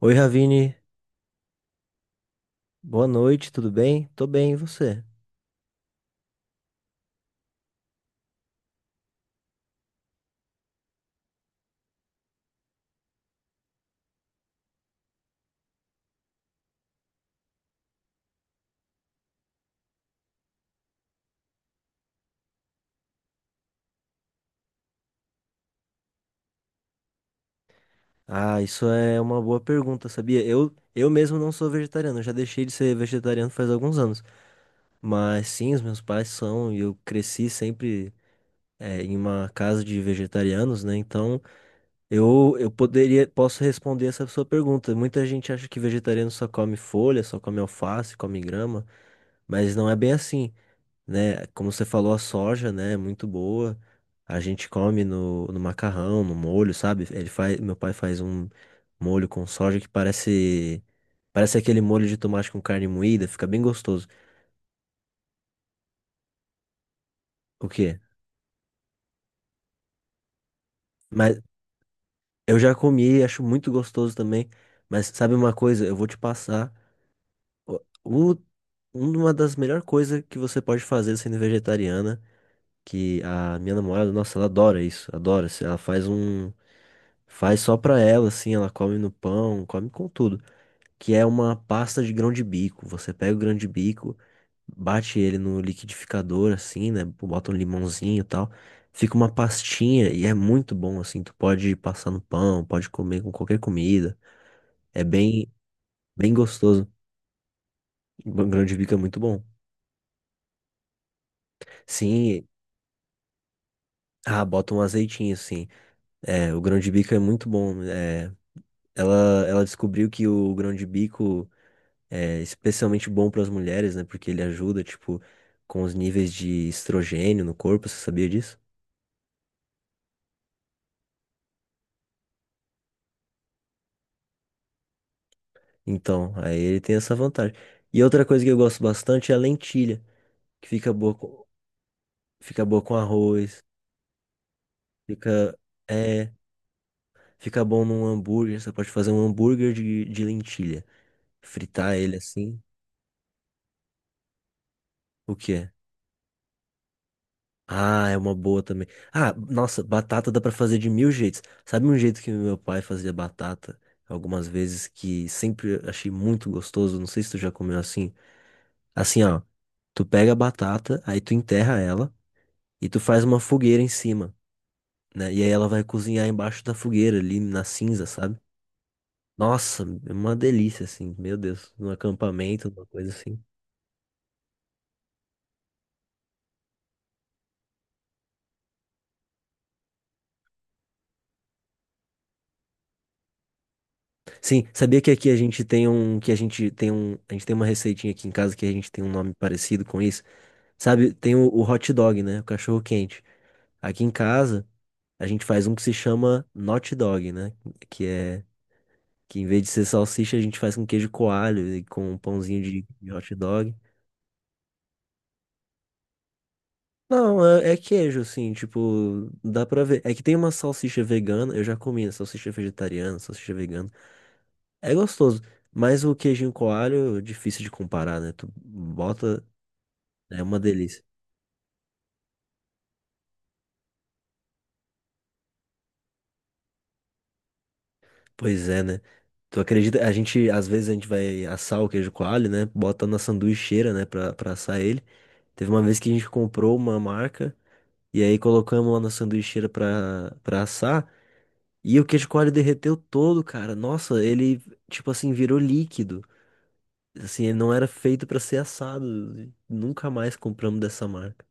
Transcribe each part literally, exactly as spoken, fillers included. Oi, Ravine. Boa noite, tudo bem? Tô bem, e você? Ah, isso é uma boa pergunta, sabia? Eu, eu mesmo não sou vegetariano, eu já deixei de ser vegetariano faz alguns anos. Mas sim, os meus pais são, e eu cresci sempre é, em uma casa de vegetarianos, né? Então eu, eu poderia, posso responder essa sua pergunta. Muita gente acha que vegetariano só come folha, só come alface, come grama, mas não é bem assim. Né? Como você falou, a soja, né, é muito boa. A gente come no, no macarrão, no molho, sabe? Ele faz, meu pai faz um molho com soja que parece parece aquele molho de tomate com carne moída, fica bem gostoso. O quê? Mas eu já comi, acho muito gostoso também. Mas sabe uma coisa? Eu vou te passar o, o- uma das melhores coisas que você pode fazer sendo vegetariana, que a minha namorada, nossa, ela adora isso, adora. Ela faz um. Faz só pra ela, assim, ela come no pão, come com tudo. Que é uma pasta de grão de bico. Você pega o grão de bico, bate ele no liquidificador, assim, né? Bota um limãozinho e tal. Fica uma pastinha e é muito bom, assim. Tu pode passar no pão, pode comer com qualquer comida. É bem, bem gostoso. O grão de bico é muito bom. Sim, ah, bota um azeitinho, assim. É, o grão de bico é muito bom. É, ela, ela descobriu que o grão de bico é especialmente bom para as mulheres, né? Porque ele ajuda, tipo, com os níveis de estrogênio no corpo, você sabia disso? Então, aí ele tem essa vantagem. E outra coisa que eu gosto bastante é a lentilha, que fica boa com, fica boa com arroz, fica, é, fica bom num hambúrguer, você pode fazer um hambúrguer de, de lentilha, fritar ele assim. O quê? Ah, é uma boa também. Ah, nossa, batata dá pra fazer de mil jeitos. Sabe um jeito que meu pai fazia batata algumas vezes que sempre achei muito gostoso? Não sei se tu já comeu assim. Assim, ó, tu pega a batata, aí tu enterra ela e tu faz uma fogueira em cima, né? E aí ela vai cozinhar embaixo da fogueira ali na cinza, sabe? Nossa, é uma delícia assim. Meu Deus, num acampamento, uma coisa assim. Sim, sabia que aqui a gente tem um que a gente tem um, a gente tem uma receitinha aqui em casa que a gente tem um nome parecido com isso? Sabe, tem o, o hot dog, né? O cachorro quente. Aqui em casa, a gente faz um que se chama not dog, né? Que é que em vez de ser salsicha, a gente faz com queijo coalho e com um pãozinho de, de hot dog. Não, é, é queijo, assim, tipo, dá pra ver. É que tem uma salsicha vegana, eu já comi, né? Salsicha vegetariana, salsicha vegana. É gostoso, mas o queijinho coalho, difícil de comparar, né? Tu bota, é uma delícia. Pois é, né? Tu acredita? A gente, às vezes, a gente vai assar o queijo coalho, né? Bota na sanduicheira, né? Pra, pra assar ele. Teve uma vez que a gente comprou uma marca e aí colocamos lá na sanduicheira pra, pra assar. E o queijo coalho derreteu todo, cara. Nossa, ele, tipo assim, virou líquido. Assim, ele não era feito pra ser assado. Nunca mais compramos dessa marca.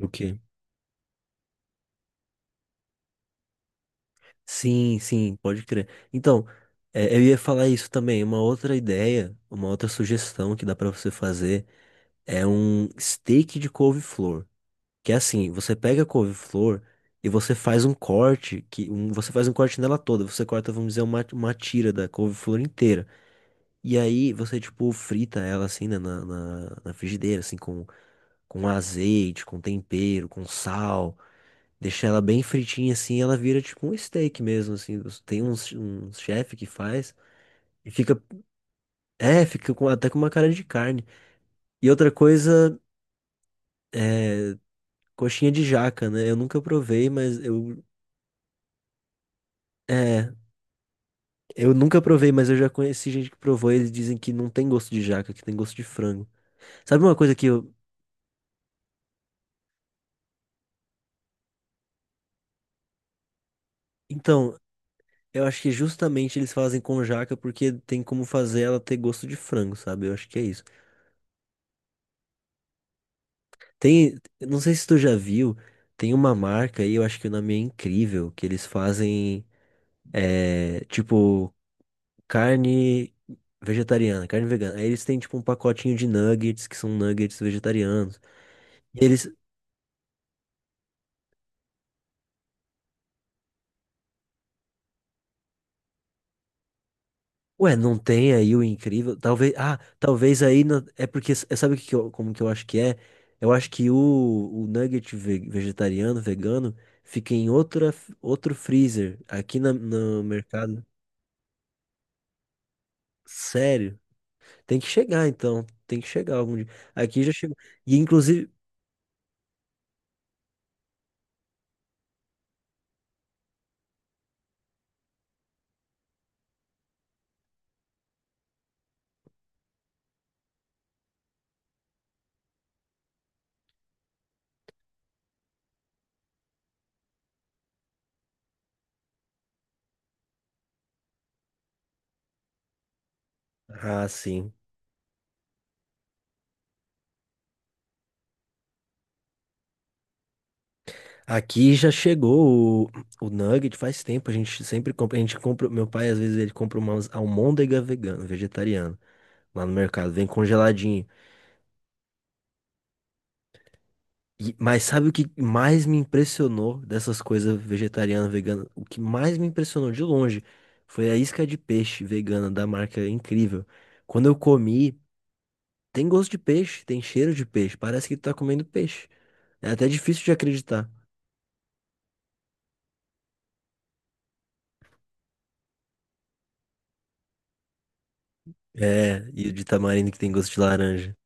O quê? Sim, sim, pode crer. Então, é, eu ia falar isso também. Uma outra ideia, uma outra sugestão que dá pra você fazer. É um steak de couve-flor. Que é assim, você pega a couve-flor e você faz um corte, que um- você faz um corte nela toda. Você corta, vamos dizer, uma, uma tira da couve-flor inteira. E aí você, tipo, frita ela assim, né, na, na, na frigideira, assim, com, com azeite, com tempero, com sal. Deixa ela bem fritinha assim, ela vira tipo um steak mesmo, assim. Você- Tem uns, um chefe que faz e fica, é, fica com, até com uma cara de carne. E outra coisa, é, coxinha de jaca, né? Eu nunca provei, mas eu. É, eu nunca provei, mas eu já conheci gente que provou e eles dizem que não tem gosto de jaca, que tem gosto de frango. Sabe uma coisa que eu. Então, eu acho que justamente eles fazem com jaca porque tem como fazer ela ter gosto de frango, sabe? Eu acho que é isso. Tem. Eu Não sei se tu já viu, tem uma marca aí, eu acho que o nome é Incrível, que eles fazem. É, tipo, carne vegetariana, carne vegana. Aí eles têm tipo um pacotinho de nuggets, que são nuggets vegetarianos. E eles, ué, não tem aí o Incrível? Talvez, ah, talvez aí na- é porque é- sabe o que que eu- como que eu acho que é? Eu acho que o, o nugget ve- vegetariano, vegano, fica em outra, f- outro freezer aqui na- no mercado. Sério? Tem que chegar então, tem que chegar algum dia. Aqui já chegou. E inclusive, ah, sim. Aqui já chegou o, o nugget faz tempo, a gente sempre compra, a gente compra, meu pai às vezes ele compra umas almôndega vegana, vegetariana lá no mercado, vem congeladinho. E- mas sabe o que mais me impressionou dessas coisas vegetariana, vegana? O que mais me impressionou de longe foi a isca de peixe vegana da marca Incrível. Quando eu comi, tem gosto de peixe, tem cheiro de peixe, parece que tu tá comendo peixe. É até difícil de acreditar. É, e o de tamarindo que tem gosto de laranja,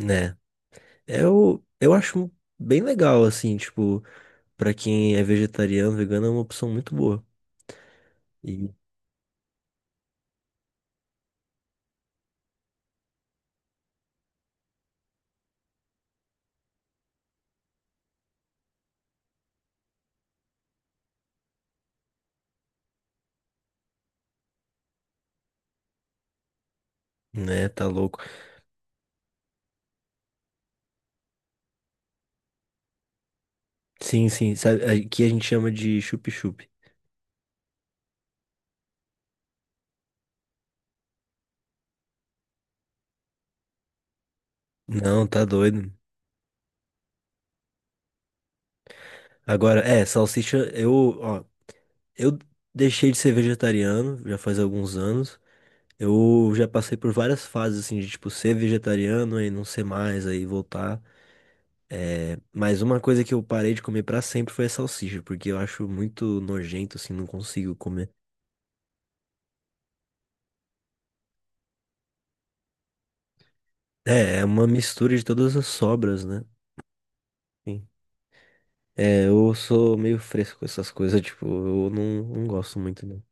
né? Eu, eu acho bem legal, assim, tipo, pra quem é vegetariano, vegano é uma opção muito boa. E, né, tá louco. Sim, sim, sabe, aqui a gente chama de chup-chup. Não, tá doido. Agora, é, salsicha, eu, ó, eu deixei de ser vegetariano já faz alguns anos. Eu já passei por várias fases, assim, de, tipo, ser vegetariano e não ser mais, aí voltar. É, mas uma coisa que eu parei de comer pra sempre foi a salsicha, porque eu acho muito nojento, assim, não consigo comer. É, é uma mistura de todas as sobras, né? Sim. É, eu sou meio fresco com essas coisas, tipo, eu não, não gosto muito, não.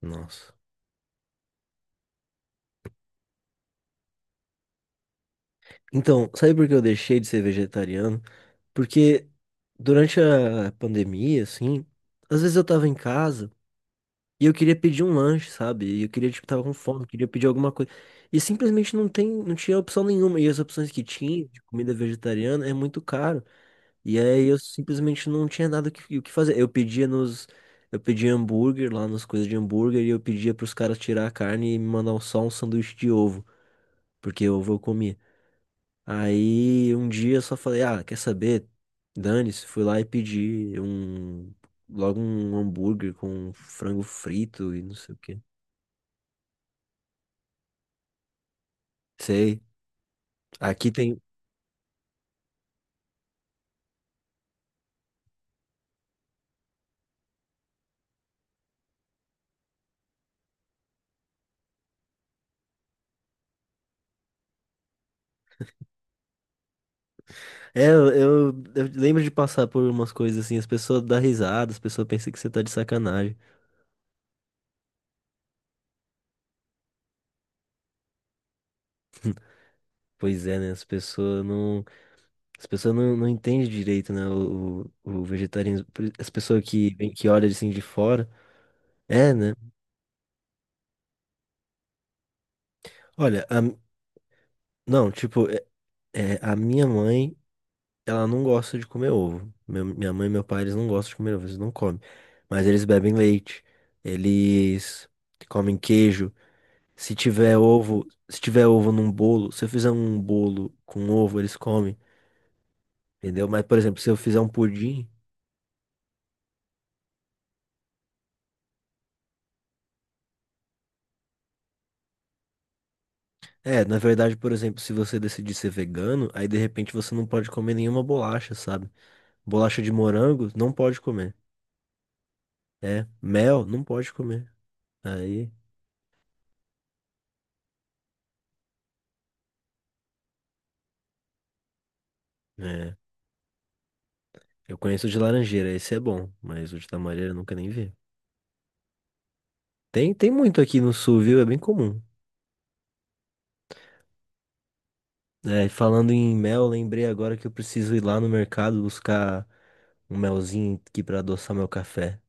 Nossa. Então, sabe por que eu deixei de ser vegetariano? Porque durante a pandemia, assim, às vezes eu tava em casa e eu queria pedir um lanche, sabe? E eu queria, tipo, tava com fome, queria pedir alguma coisa. E simplesmente não tem, não tinha opção nenhuma. E as opções que tinha de comida vegetariana é muito caro. E aí eu simplesmente não tinha nada o que, o que fazer. Eu pedia nos. Eu pedia hambúrguer lá nas coisas de hambúrguer e eu pedia pros caras tirar a carne e me mandar só um sanduíche de ovo, porque ovo eu comia. Aí um dia eu só falei, ah, quer saber? Dane-se, fui lá e pedi um logo um hambúrguer com frango frito e não sei o quê. Sei. Aqui tem. É, eu, eu eu lembro de passar por umas coisas assim, as pessoas dão risada, as pessoas pensam que você tá de sacanagem. Pois é, né? As pessoas não. As pessoas não, não entendem direito, né? O, o, o vegetarianismo. As pessoas que, vem- que olham assim de fora. É, né? Olha, a- não, tipo, é, é, a minha mãe. Ela não gosta de comer ovo. Meu- minha mãe e meu pai, eles não gostam de comer ovo, eles não comem. Mas eles bebem leite, eles comem queijo. Se tiver ovo, se tiver ovo num bolo, se eu fizer um bolo com ovo, eles comem, entendeu? Mas, por exemplo, se eu fizer um pudim, é, na verdade, por exemplo, se você decidir ser vegano, aí de repente você não pode comer nenhuma bolacha, sabe? Bolacha de morango, não pode comer. É, mel, não pode comer. Aí, é. Eu conheço o de laranjeira, esse é bom, mas o de tamareira eu nunca nem vi. Tem, tem muito aqui no sul, viu? É bem comum. É, falando em mel, lembrei agora que eu preciso ir lá no mercado buscar um melzinho aqui pra adoçar meu café.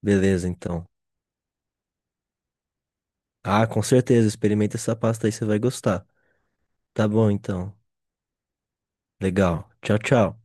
Beleza, então. Ah, com certeza, experimenta essa pasta aí, você vai gostar. Tá bom, então. Legal. Tchau, tchau.